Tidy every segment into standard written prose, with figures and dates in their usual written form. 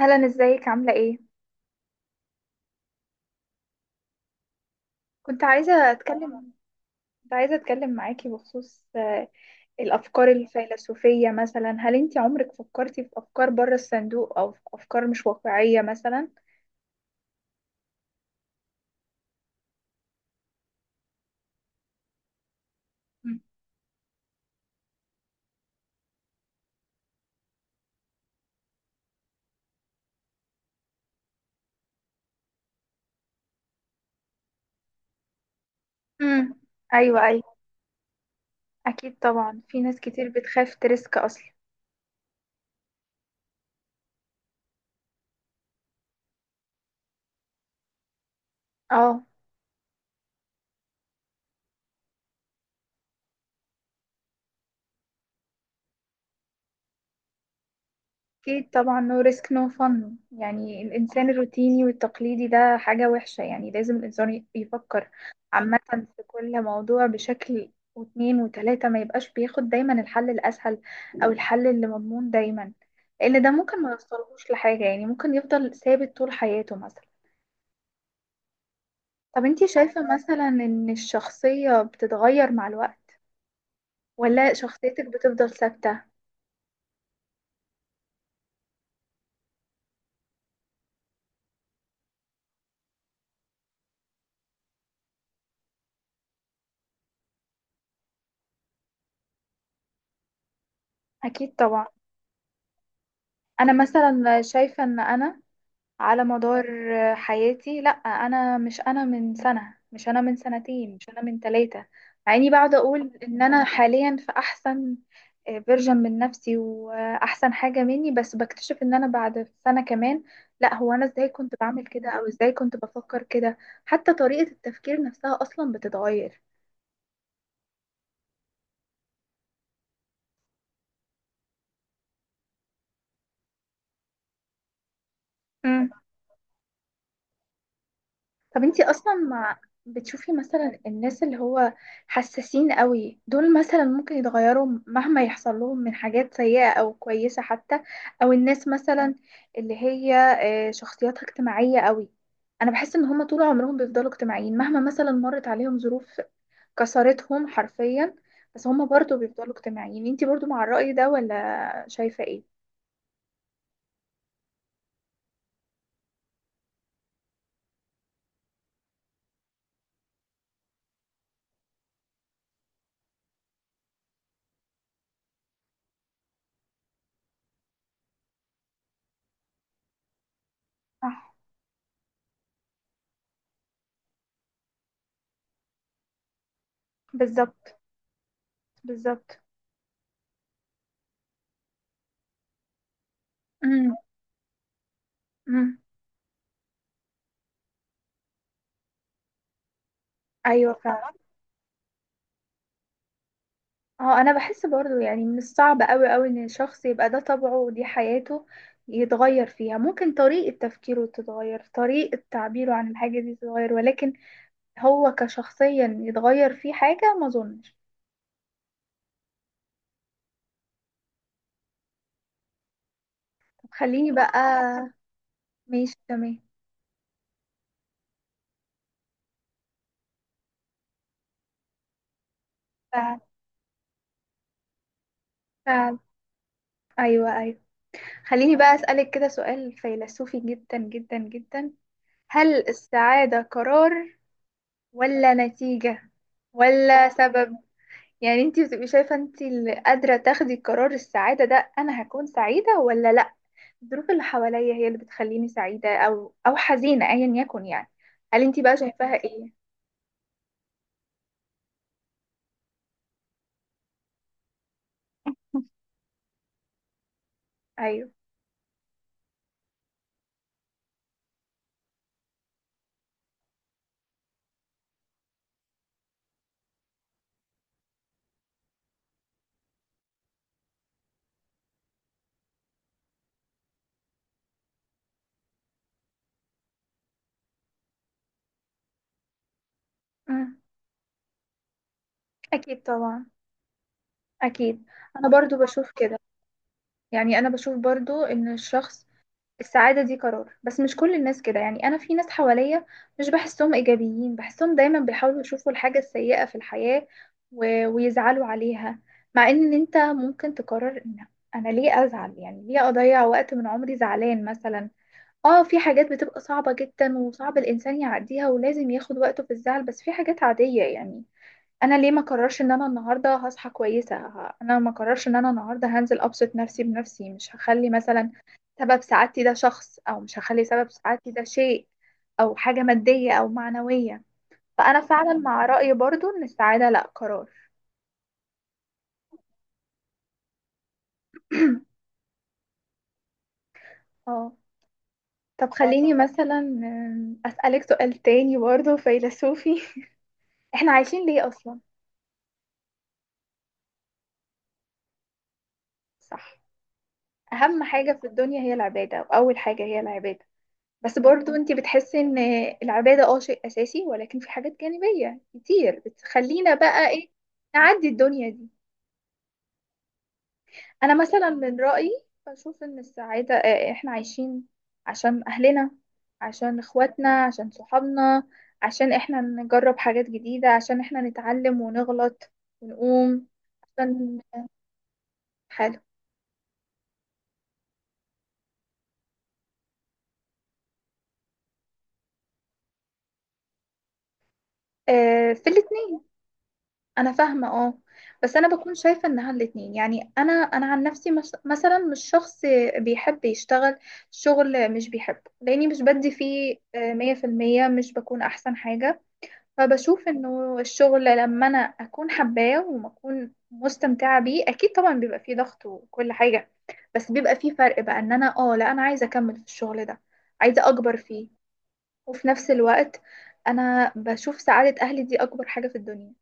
هلا ازيك عاملة ايه؟ كنت عايزة اتكلم كنت عايزة اتكلم معاكي بخصوص الافكار الفيلسوفية، مثلا هل انت عمرك فكرتي في افكار بره الصندوق او في افكار مش واقعية مثلا؟ امم. ايوه، ايوه. اكيد طبعا في ناس كتير بتخاف تريسك اصلا. اه. أكيد طبعا، no risk no fun، يعني الإنسان الروتيني والتقليدي ده حاجة وحشة، يعني لازم الإنسان يفكر عامة في كل موضوع بشكل واتنين وتلاتة، ما يبقاش بياخد دايما الحل الأسهل أو الحل اللي مضمون دايما، لأن ده ممكن ما يوصلهوش لحاجة، يعني ممكن يفضل ثابت طول حياته مثلا. طب انتي شايفة مثلا إن الشخصية بتتغير مع الوقت، ولا شخصيتك بتفضل ثابتة؟ أكيد طبعا. أنا مثلا شايفة إن أنا على مدار حياتي، لا انا مش انا من سنة، مش انا من سنتين، مش انا من ثلاثة. مع اني بقعد اقول ان انا حاليا في احسن فيرجن من نفسي واحسن حاجة مني، بس بكتشف ان انا بعد سنة كمان لا، هو انا ازاي كنت بعمل كده او ازاي كنت بفكر كده. حتى طريقة التفكير نفسها اصلا بتتغير. طب انتي اصلا بتشوفي مثلا الناس اللي هو حساسين قوي دول، مثلا ممكن يتغيروا مهما يحصل لهم من حاجات سيئة او كويسة حتى؟ او الناس مثلا اللي هي شخصياتها اجتماعية قوي، انا بحس ان هما طول عمرهم بيفضلوا اجتماعيين مهما مثلا مرت عليهم ظروف كسرتهم حرفيا، بس هما برضو بيفضلوا اجتماعيين، انتي برضو مع الرأي ده ولا شايفة ايه؟ صح. بالظبط، بالظبط. امم، امم. ايوه، فعلا. اه، انا بحس برضو يعني من الصعب قوي قوي ان الشخص يبقى ده طبعه ودي حياته، يتغير فيها ممكن طريقة تفكيره تتغير، طريقة تعبيره عن الحاجة دي تتغير، ولكن هو كشخصيا يتغير فيه حاجة، ما اظنش. طب خليني بقى. ماشي تمام. فعلا، فعلا. ايوه، ايوه. خليني بقى اسألك كده سؤال فيلسوفي جدا جدا جدا، هل السعادة قرار ولا نتيجة ولا سبب؟ يعني انتي بتبقي شايفة انتي اللي قادرة تاخدي قرار السعادة ده، انا هكون سعيدة ولا لا؟ الظروف اللي حواليا هي اللي بتخليني سعيدة او حزينة، ايا يكن يعني. هل انتي بقى شايفاها ايه؟ ايوه. مم. اكيد طبعا. اكيد. انا برضو بشوف كده، يعني انا بشوف برضو ان الشخص السعادة دي قرار، بس مش كل الناس كده. يعني أنا في ناس حواليا مش بحسهم إيجابيين، بحسهم دايما بيحاولوا يشوفوا الحاجة السيئة في الحياة ويزعلوا عليها، مع إن أنت ممكن تقرر إن أنا ليه أزعل؟ يعني ليه أضيع وقت من عمري زعلان مثلا؟ آه، في حاجات بتبقى صعبة جدا وصعب الإنسان يعديها ولازم ياخد وقته في الزعل، بس في حاجات عادية يعني. انا ليه ما قررش ان انا النهارده هصحى كويسه، انا ما قررش ان انا النهارده هنزل ابسط نفسي بنفسي، مش هخلي مثلا سبب سعادتي ده شخص، او مش هخلي سبب سعادتي ده شيء، او حاجه ماديه او معنويه، فانا فعلا مع رايي برضو ان السعاده لا قرار. اه. طب خليني طبعا مثلا، اسالك سؤال تاني برضو فيلسوفي، احنا عايشين ليه اصلا؟ صح، اهم حاجه في الدنيا هي العباده، واول حاجه هي العباده. بس برضو انت بتحسي ان العبادة اه شيء اساسي، ولكن في حاجات جانبية كتير بتخلينا بقى ايه نعدي الدنيا دي؟ انا مثلا من رأيي بشوف ان السعادة احنا عايشين عشان اهلنا، عشان اخواتنا، عشان صحابنا، عشان احنا نجرب حاجات جديدة، عشان احنا نتعلم ونغلط ونقوم، عشان حاله. اه، في الاتنين. انا فاهمه اه، بس انا بكون شايفه انها الاتنين، يعني انا انا عن نفسي مثلا مش شخص بيحب يشتغل شغل مش بيحبه، لاني مش بدي فيه 100%، مش بكون احسن حاجه. فبشوف انه الشغل لما انا اكون حباه وما اكون مستمتعه بيه اكيد طبعا بيبقى فيه ضغط وكل حاجه، بس بيبقى فيه فرق بقى، ان انا اه لا انا عايزه اكمل في الشغل ده، عايزه اكبر فيه. وفي نفس الوقت انا بشوف سعاده اهلي دي اكبر حاجه في الدنيا،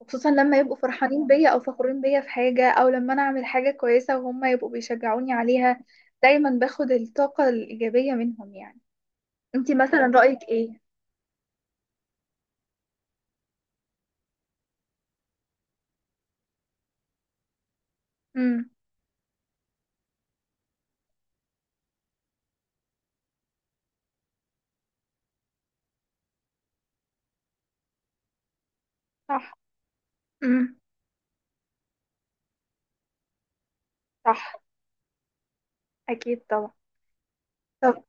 وخصوصا لما يبقوا فرحانين بيا او فخورين بيا في حاجة، او لما انا اعمل حاجة كويسة وهم يبقوا بيشجعوني عليها. دايما باخد الطاقة الإيجابية منهم يعني. انتي مثلا رأيك ايه؟ امم، صح. امم، صح. اكيد طبعا. طب.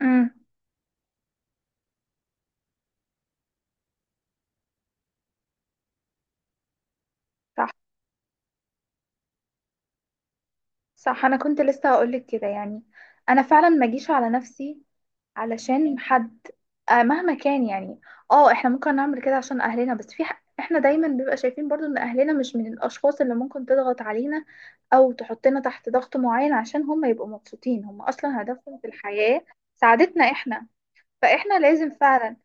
امم، صح، صح. انا كنت لسه هقولك كده، يعني انا فعلا ما اجيش على نفسي علشان حد، مهما كان يعني. اه، احنا ممكن نعمل كده عشان اهلنا، بس احنا دايما بيبقى شايفين برضو ان اهلنا مش من الاشخاص اللي ممكن تضغط علينا، او تحطنا تحت ضغط معين عشان هم يبقوا مبسوطين. هم اصلا هدفهم في الحياة سعادتنا احنا، فاحنا لازم فعلا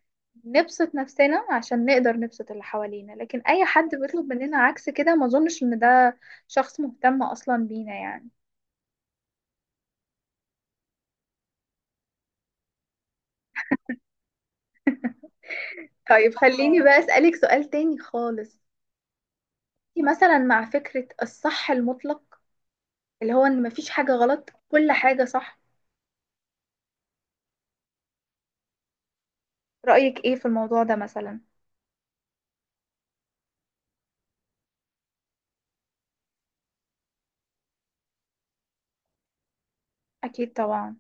نبسط نفسنا عشان نقدر نبسط اللي حوالينا، لكن اي حد بيطلب مننا عكس كده ما اظنش ان ده شخص مهتم اصلا بينا يعني. طيب خليني بقى اسألك سؤال تاني خالص. مثلا مع فكرة الصح المطلق، اللي هو ان مفيش حاجة غلط، كل حاجة صح، رأيك ايه في الموضوع ده مثلا؟ اكيد طبعا.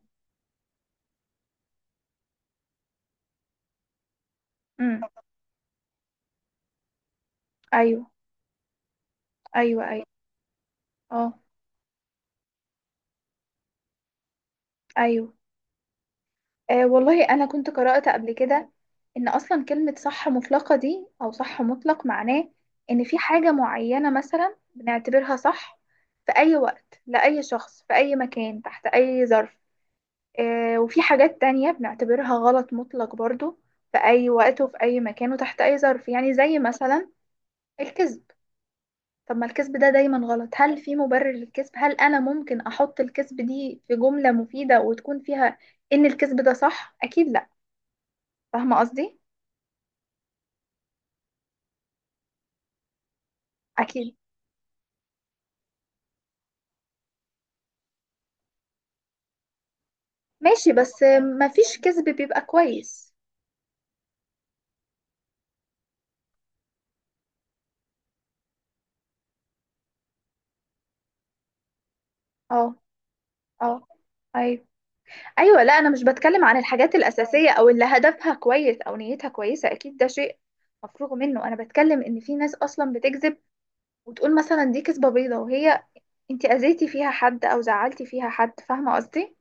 امم. ايوه، ايوه، ايوه. اه. ايوه. والله انا كنت قرأت قبل كده ان اصلا كلمة صح مطلقة دي او صح مطلق معناه ان في حاجة معينة مثلا بنعتبرها صح في اي وقت لأي شخص في اي مكان تحت اي ظرف، وفي حاجات تانية بنعتبرها غلط مطلق برضو في أي وقت وفي أي مكان وتحت أي ظرف، يعني زي مثلا الكذب. طب ما الكذب ده دايما غلط، هل في مبرر للكذب؟ هل أنا ممكن أحط الكذب دي في جملة مفيدة وتكون فيها إن الكذب ده صح؟ أكيد لأ. فاهمة قصدي؟ أكيد. ماشي، بس مفيش كذب بيبقى كويس. اه، اه. أيوة، ايوه. لا، انا مش بتكلم عن الحاجات الاساسيه او اللي هدفها كويس او نيتها كويسه، اكيد ده شيء مفروغ منه. انا بتكلم ان في ناس اصلا بتكذب وتقول مثلا دي كذبه بيضه، وهي انت اذيتي فيها حد او زعلتي فيها حد، فاهمه قصدي؟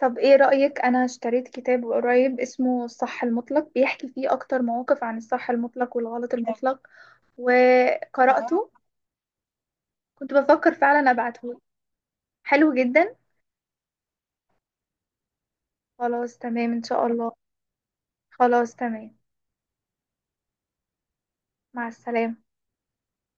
طب ايه رايك؟ انا اشتريت كتاب قريب اسمه الصح المطلق بيحكي فيه اكتر مواقف عن الصح المطلق والغلط المطلق وقراته. كنت بفكر فعلا ابعتهولك. حلو جدا. خلاص تمام ان شاء الله. خلاص تمام. مع السلامه.